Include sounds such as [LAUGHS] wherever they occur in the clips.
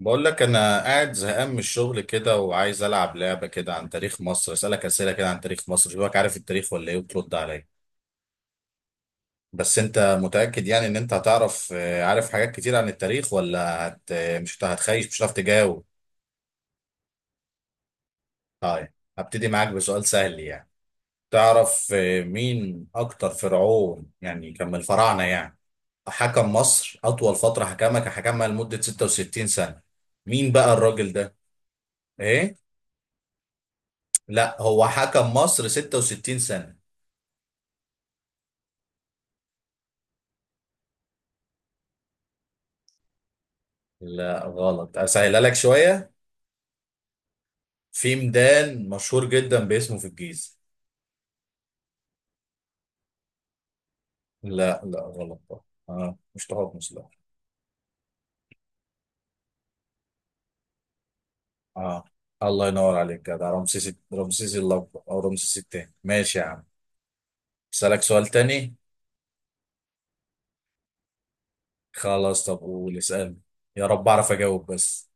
بقول لك انا قاعد زهقان من الشغل كده، وعايز العب لعبه كده عن تاريخ مصر، اسالك اسئله كده عن تاريخ مصر، شوفك عارف التاريخ ولا ايه، وترد عليا. بس انت متاكد يعني ان انت هتعرف؟ عارف حاجات كتير عن التاريخ، ولا هت آه، مش هت- هتخيش، مش هتعرف تجاوب؟ طيب هبتدي معاك بسؤال سهل يعني. تعرف مين اكتر فرعون يعني كان من الفراعنه يعني حكم مصر اطول فتره، حكمها لمده 66 سنه؟ مين بقى الراجل ده؟ ايه؟ لا، هو حكم مصر 66 سنة. لا، غلط. اسهلها لك شوية. في ميدان مشهور جدا باسمه في الجيزة. لا، لا، غلط بقى. اه، مش تحتمس، لا. اه، الله ينور عليك كده. رمسيس، رمسيس الاكبر او رمسيس التاني. ماشي يا عم. اسالك سؤال تاني. خلاص، طب قول، اسالني. يا رب اعرف اجاوب بس.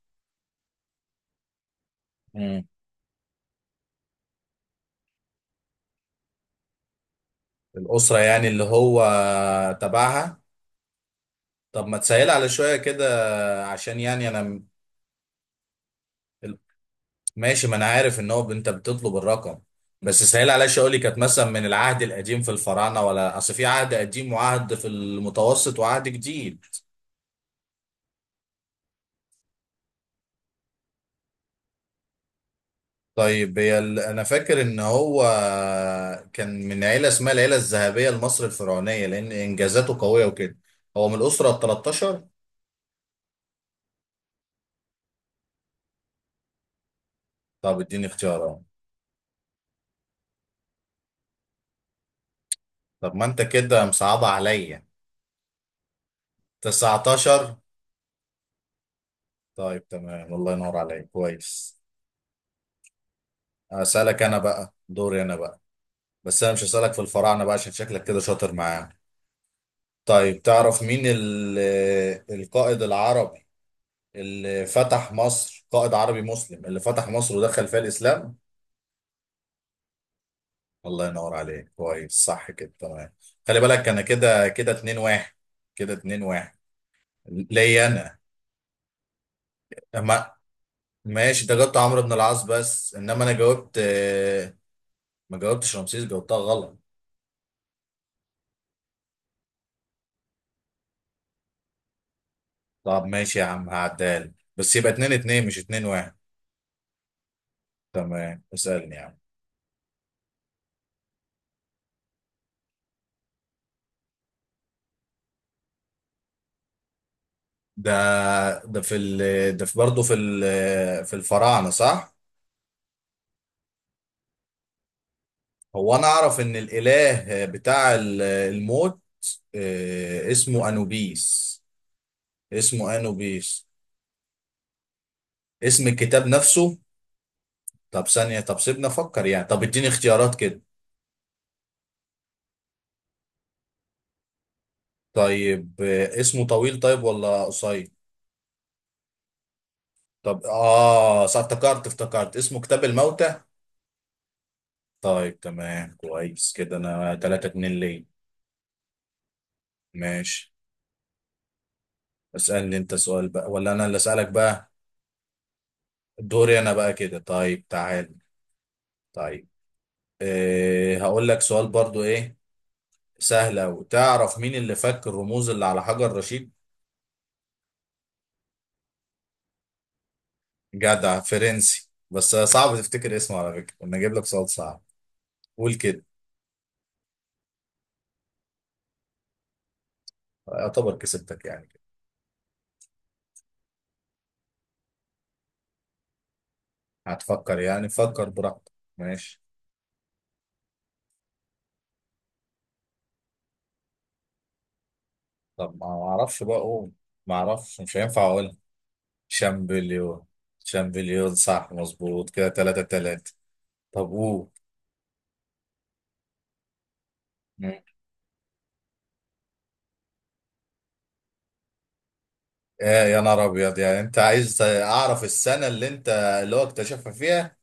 مم. الاسرة يعني اللي هو تبعها. طب ما تسهل على شوية كده، عشان يعني انا. ماشي، ما انا عارف ان هو انت بتطلب الرقم. بس سهل عليا. شغلي كانت مثلا من العهد القديم في الفراعنه، ولا اصل في عهد قديم وعهد في المتوسط وعهد جديد. طيب انا فاكر ان هو كان من عيله اسمها العيله الذهبيه لمصر الفرعونيه، لان انجازاته قويه وكده. هو من الاسره ال 13. طب اديني اختيارات. طب ما انت كده مصعبه عليا. 19. طيب تمام، الله ينور عليك كويس. اسالك انا بقى، دوري انا بقى. بس انا مش هسألك في الفراعنة بقى، عشان شكلك كده شاطر معاه. طيب تعرف مين القائد العربي اللي فتح مصر، قائد عربي مسلم اللي فتح مصر ودخل فيها الاسلام؟ الله ينور عليك، كويس، صح كده، تمام. خلي بالك، انا كده كده 2-1، كده 2-1 ليا انا. ما، ماشي، ده جبت عمرو بن العاص، بس انما انا جاوبت. ما جاوبتش رمسيس، جاوبتها غلط. طب ماشي يا عم، هعدال بس يبقى 2-2 مش 2-1. تمام، اسألني يا عم. ده ده في ال ده في برضه في الفراعنة، صح؟ هو أنا أعرف إن الإله بتاع الموت، اسمه أنوبيس. اسمه أنوبيس. اسم الكتاب نفسه. طب ثانية، طب سيبنا أفكر يعني، طب إديني اختيارات كده. طيب، اسمه طويل طيب ولا قصير؟ طب، آه، صح، افتكرت اسمه كتاب الموتى. طيب تمام، كويس كده، أنا 3-2 ليه، ماشي. اسألني أنت سؤال بقى، ولا أنا اللي أسألك بقى؟ دوري انا بقى كده. طيب، تعال. طيب، إيه، هقول لك سؤال برضو ايه. سهل اوي. تعرف مين اللي فك الرموز اللي على حجر رشيد؟ جدع فرنسي بس صعب تفتكر اسمه. على فكرة انا اجيب لك سؤال صعب. قول كده. يعتبر كسبتك يعني كده. هتفكر يعني، فكر براحتك. ماشي. طب ما اعرفش بقى اقول. ما اعرفش، مش هينفع اقول. شامبليون، شامبليون، صح مظبوط كده، 3-3. طب قول. يا نهار ابيض، يعني انت عايز اعرف السنه اللي هو اكتشفها فيها.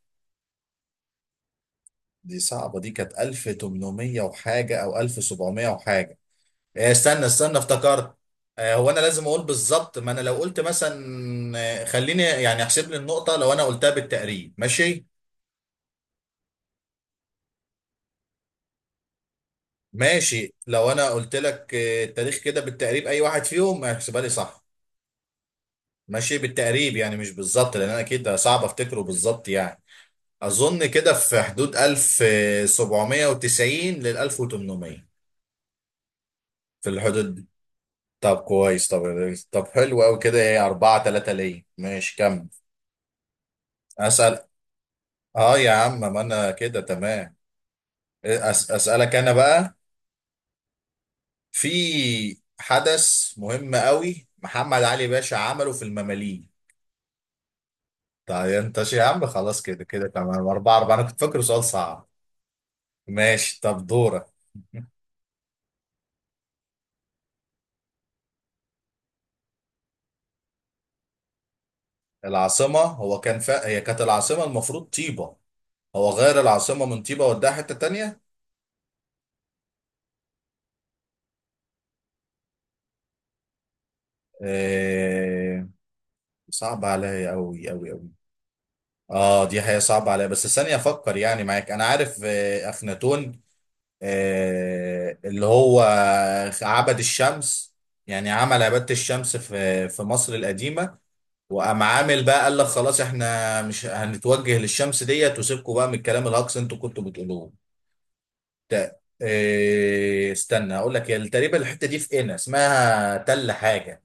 دي صعبه، دي كانت 1800 وحاجه او 1700 وحاجه. إيه، استنى استنى، افتكرت. هو انا لازم اقول بالظبط، ما انا لو قلت مثلا. خليني يعني احسب لي النقطه لو انا قلتها بالتقريب، ماشي؟ ماشي، لو انا قلت لك التاريخ كده بالتقريب، اي واحد فيهم هيحسبها لي، صح؟ ماشي، بالتقريب يعني مش بالظبط، لان انا اكيد صعب افتكره بالظبط يعني. اظن كده في حدود 1790 لل 1800، في الحدود دي. طب كويس، طب حلو قوي كده، ايه 4-3 ليه، ماشي كمل. اسال. اه يا عم، ما انا كده تمام. اسالك انا بقى. في حدث مهم قوي محمد علي باشا عمله في المماليك. طيب انت شي يا عم، خلاص كده كده تمام، 4-4، انا كنت فاكره سؤال صعب. ماشي، طب دورك. [LAUGHS] العاصمة، هي كانت العاصمة المفروض طيبة. هو غير العاصمة من طيبة وداها حتة تانية. آه، صعب عليا أوي أوي أوي. اه، دي حقيقة صعبة عليا، بس ثانية أفكر يعني معاك. أنا عارف، أخناتون. آه، اللي هو عبد الشمس، يعني عمل عبادة الشمس في مصر القديمة. وقام عامل بقى، قال لك خلاص احنا مش هنتوجه للشمس ديت، وسيبكم بقى من الكلام الهجص انتوا كنتوا بتقولوه. ده، استنى اقول لك. تقريبا الحته دي في قنا اسمها تل حاجه.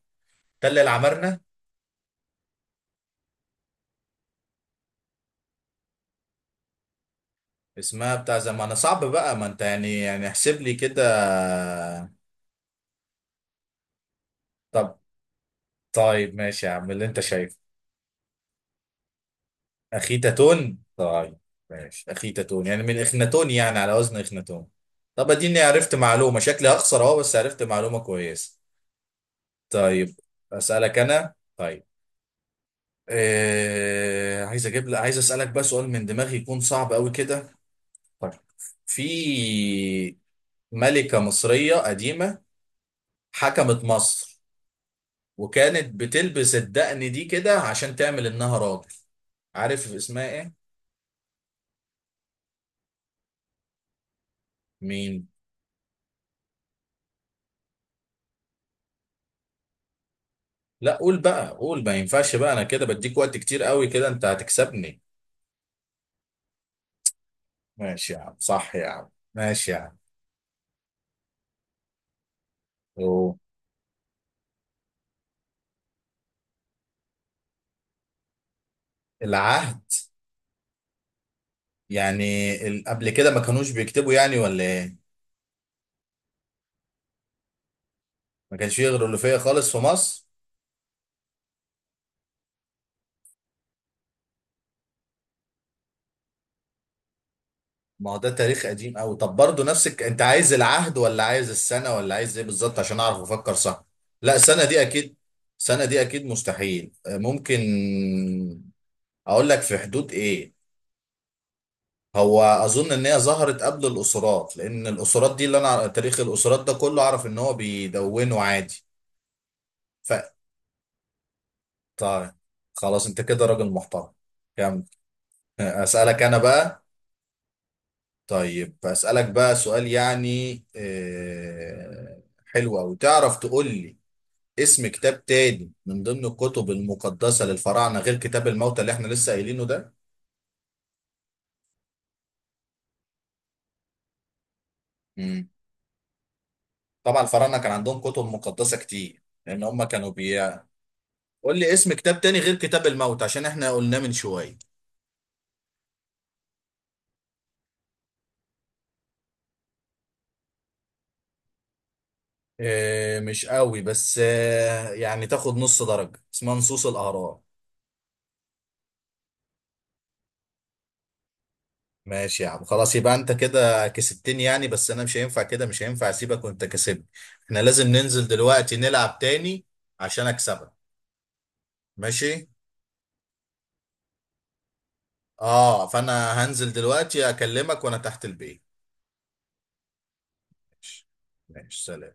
ده اللي عمرنا. اسمها بتاع زمان صعب بقى، ما انت يعني احسب لي كده. طب، طيب ماشي يا عم اللي انت شايفه. اخيتاتون، طيب. ماشي، اخيتاتون يعني من اخناتون، يعني على وزن اخناتون. طب اديني، عرفت معلومة. شكلي هخسر اهو، بس عرفت معلومة كويسة. طيب، اسألك انا طيب. عايز اجيب لك عايز اسألك بقى سؤال من دماغي يكون صعب قوي كده. طيب، في ملكة مصرية قديمة حكمت مصر، وكانت بتلبس الدقن دي كده عشان تعمل انها راجل. عارف اسمها ايه؟ مين؟ لا قول بقى قول، ما ينفعش بقى، انا كده بديك وقت كتير قوي كده، انت هتكسبني. ماشي يا عم، صح يا عم، ماشي يا عم. أوه. العهد؟ يعني قبل كده ما كانوش بيكتبوا يعني، ولا ايه؟ ما كانش فيه غيرولوفية خالص في مصر. ما هو ده تاريخ قديم قوي، طب برضه نفسك انت عايز العهد ولا عايز السنه ولا عايز ايه بالظبط، عشان اعرف افكر صح؟ لا، السنه دي اكيد. السنه دي اكيد مستحيل. ممكن اقول لك في حدود ايه؟ هو اظن ان هي ظهرت قبل الاسرات، لان الاسرات دي اللي انا تاريخ الاسرات ده كله اعرف ان هو بيدونه عادي. ف طيب، خلاص انت كده راجل محترم. كمل. [LAUGHS] اسالك انا بقى. طيب أسألك بقى سؤال يعني حلو أوي. تعرف تقول لي اسم كتاب تاني من ضمن الكتب المقدسة للفراعنة، غير كتاب الموتى اللي احنا لسه قايلينه ده؟ مم. طبعا الفراعنة كان عندهم كتب مقدسة كتير، لأن هم كانوا قول لي اسم كتاب تاني غير كتاب الموتى عشان احنا قلناه من شوية. مش قوي بس يعني تاخد نص درجة، اسمها نصوص الأهرام. ماشي يا عم، خلاص يبقى انت كده كسبتني يعني، بس انا مش هينفع اسيبك وانت كسبني. احنا لازم ننزل دلوقتي نلعب تاني. عشان اكسبك. ماشي. اه، فانا هنزل دلوقتي اكلمك وانا تحت البيت. ماشي، ماشي، سلام.